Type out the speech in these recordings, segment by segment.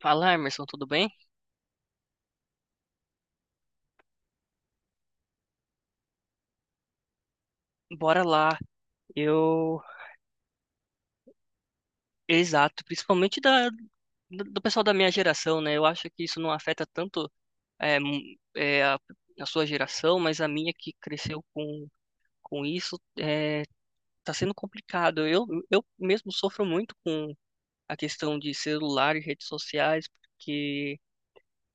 Fala, Emerson, tudo bem? Bora lá. Eu, exato, principalmente da do pessoal da minha geração, né? Eu acho que isso não afeta tanto é, m- é, a, a sua geração, mas a minha que cresceu com isso tá sendo complicado. Eu mesmo sofro muito com a questão de celular e redes sociais, porque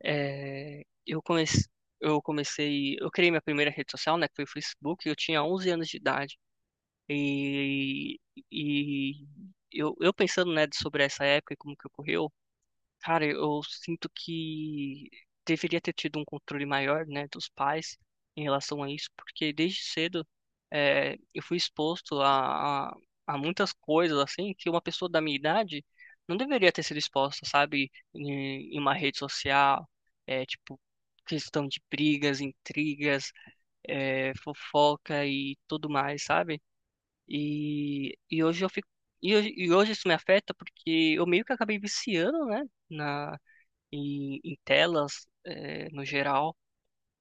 é, eu comecei eu comecei, eu criei minha primeira rede social, né? Que foi o Facebook. Eu tinha 11 anos de idade. E, e eu pensando, né, sobre essa época e como que ocorreu, cara, eu sinto que deveria ter tido um controle maior, né, dos pais em relação a isso, porque desde cedo eu fui exposto a muitas coisas, assim, que uma pessoa da minha idade não deveria ter sido exposta, sabe, em uma rede social, é, tipo, questão de brigas, intrigas, fofoca e tudo mais, sabe? E, e hoje eu fico. E hoje isso me afeta porque eu meio que acabei viciando, né? Na, em telas, no geral.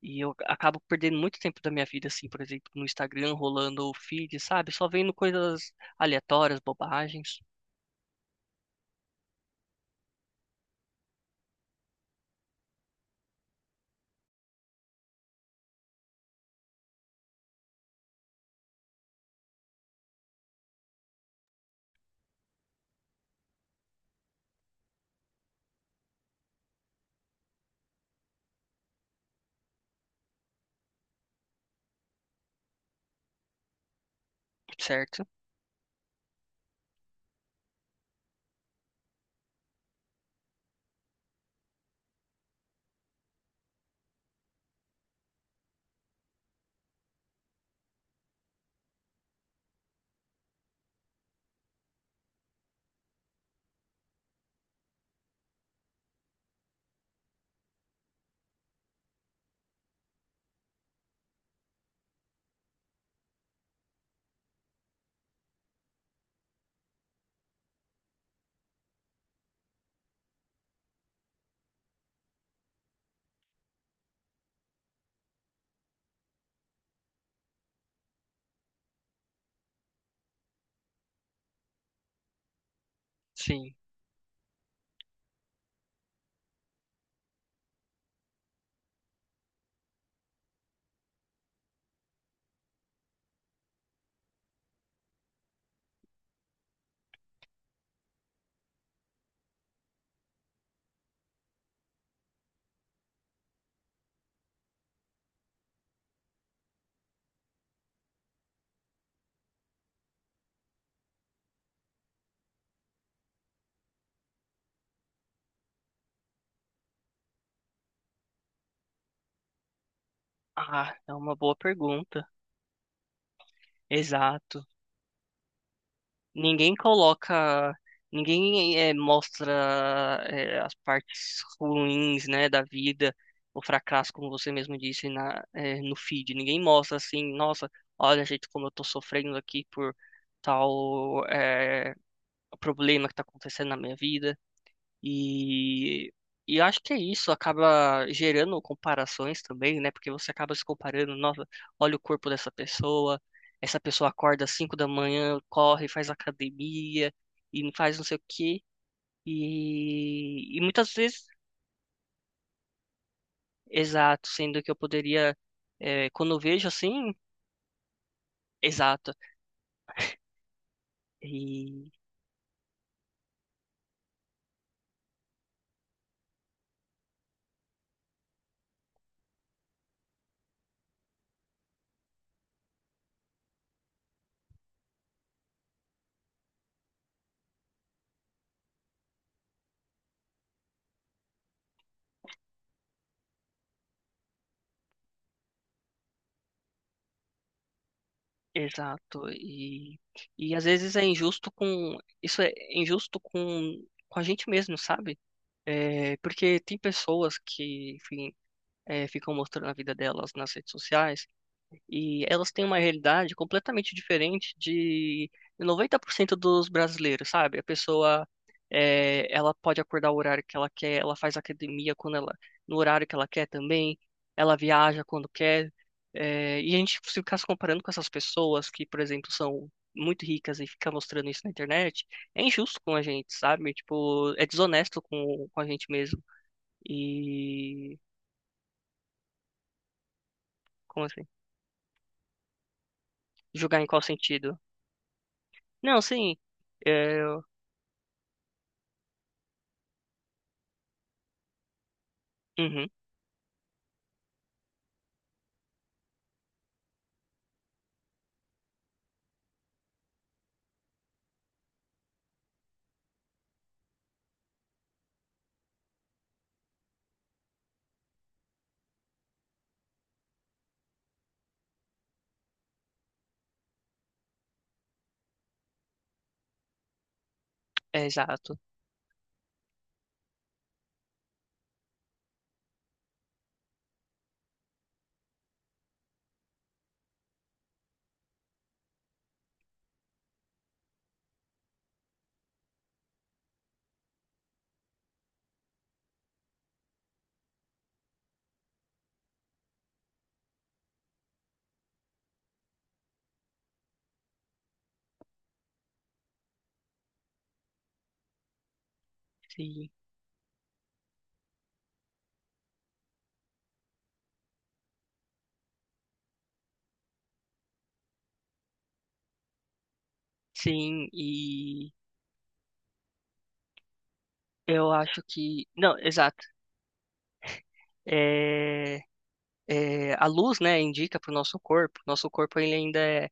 E eu acabo perdendo muito tempo da minha vida, assim, por exemplo, no Instagram, rolando o feed, sabe? Só vendo coisas aleatórias, bobagens, certo? Sim. Ah, é uma boa pergunta. Exato. Ninguém coloca, ninguém mostra as partes ruins, né, da vida, o fracasso, como você mesmo disse na, no feed. Ninguém mostra assim, nossa, olha, gente, como eu tô sofrendo aqui por tal problema que tá acontecendo na minha vida. E, e eu acho que é isso, acaba gerando comparações também, né? Porque você acaba se comparando, nossa, olha o corpo dessa pessoa, essa pessoa acorda às 5 da manhã, corre, faz academia e não faz não sei o quê. E muitas vezes, exato, sendo que eu poderia, é, quando eu vejo assim, exato, e exato, e às vezes é injusto isso é injusto com a gente mesmo, sabe? É, porque tem pessoas que, enfim, é, ficam mostrando a vida delas nas redes sociais e elas têm uma realidade completamente diferente de 90% dos brasileiros, sabe? A pessoa, é, ela pode acordar o horário que ela quer, ela faz academia quando ela, no horário que ela quer também, ela viaja quando quer. É, e a gente se ficar se comparando com essas pessoas que, por exemplo, são muito ricas e ficar mostrando isso na internet, é injusto com a gente, sabe? Tipo, é desonesto com a gente mesmo. E. Como assim? Julgar em qual sentido? Não, sim. Eu... Uhum, é exato. Sim. Sim, e eu acho que. Não, exato. É, é, a luz, né, indica para o nosso corpo. Nosso corpo ele ainda é,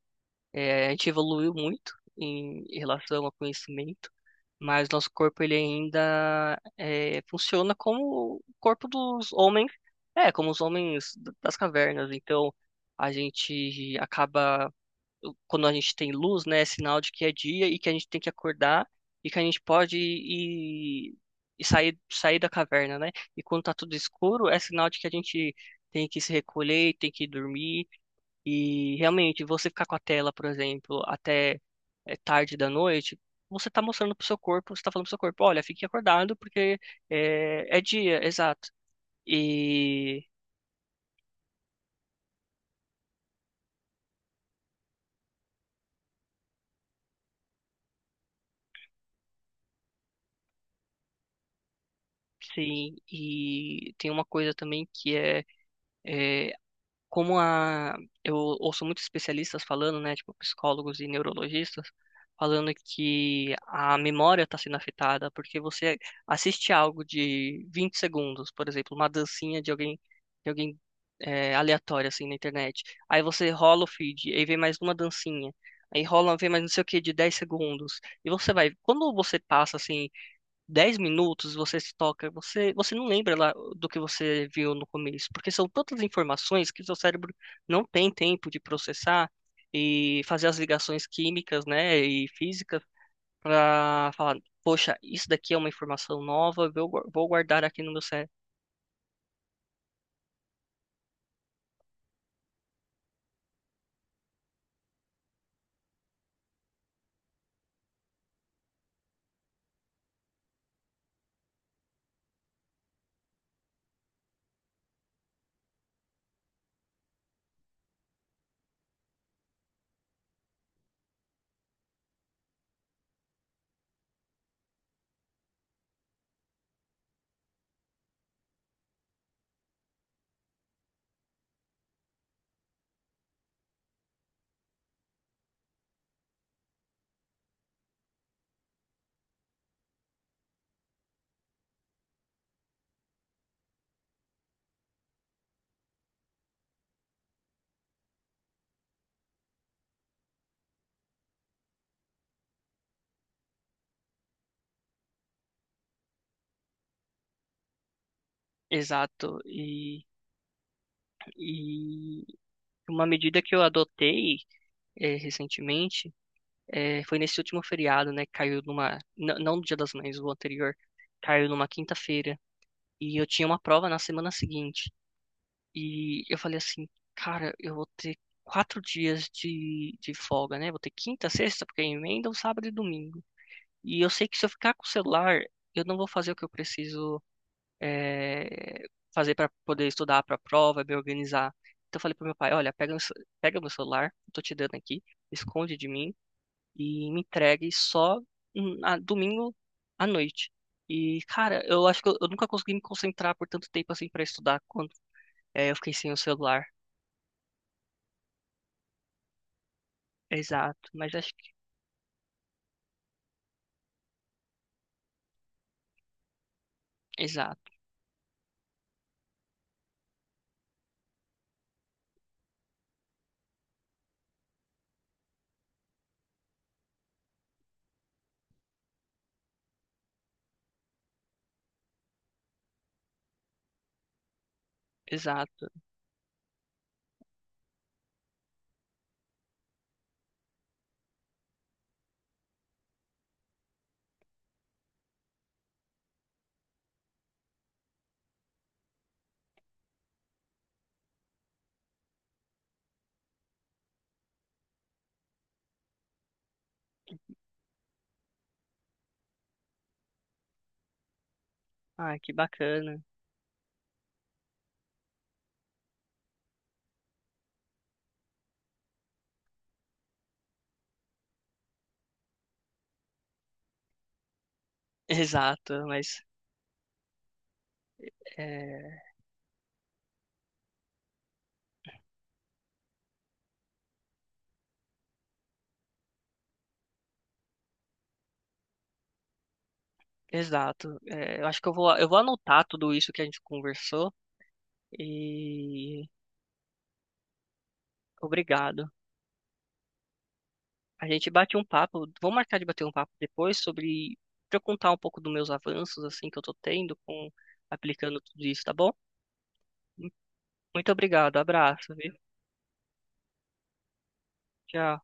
é, a gente evoluiu muito em em relação ao conhecimento, mas nosso corpo ele ainda é, funciona como o corpo dos homens. É, como os homens das cavernas. Então, a gente acaba quando a gente tem luz, né, é sinal de que é dia e que a gente tem que acordar e que a gente pode ir e sair, sair da caverna, né? E quando tá tudo escuro, é sinal de que a gente tem que se recolher, tem que dormir e realmente você ficar com a tela, por exemplo, até tarde da noite, você tá mostrando pro seu corpo, você tá falando pro seu corpo, olha, fique acordado porque é dia, exato. E sim, e tem uma coisa também que é, é como a eu ouço muitos especialistas falando, né, tipo psicólogos e neurologistas falando que a memória está sendo afetada porque você assiste algo de 20 segundos, por exemplo, uma dancinha de alguém de alguém, é, aleatório assim na internet. Aí você rola o feed, aí vem mais uma dancinha. Aí rola, vem mais não sei o que de 10 segundos. E você vai, quando você passa assim 10 minutos você se toca, você não lembra lá do que você viu no começo, porque são tantas informações que o seu cérebro não tem tempo de processar e fazer as ligações químicas, né, e físicas para falar, poxa, isso daqui é uma informação nova, eu vou guardar aqui no meu cérebro. Exato. E uma medida que eu adotei recentemente foi nesse último feriado, né? Caiu numa. Não no Dia das Mães, o anterior. Caiu numa quinta-feira. E eu tinha uma prova na semana seguinte. E eu falei assim, cara, eu vou ter quatro dias de folga, né? Vou ter quinta, sexta, porque emenda um sábado e domingo. E eu sei que se eu ficar com o celular, eu não vou fazer o que eu preciso eh, fazer para poder estudar para a prova, me organizar. Então eu falei pro meu pai, olha, pega, pega meu celular, eu tô te dando aqui, esconde de mim e me entregue só domingo à noite. E, cara, eu acho que eu nunca consegui me concentrar por tanto tempo assim pra estudar quando é, eu fiquei sem o celular. Exato, mas acho que. Exato, exato. Ah, que bacana. Exato, mas. É, exato. É, eu acho que eu vou anotar tudo isso que a gente conversou e. Obrigado. A gente bate um papo, vou marcar de bater um papo depois sobre, pra eu contar um pouco dos meus avanços, assim, que eu tô tendo com, aplicando tudo isso, tá bom? Muito obrigado, abraço, viu? Tchau.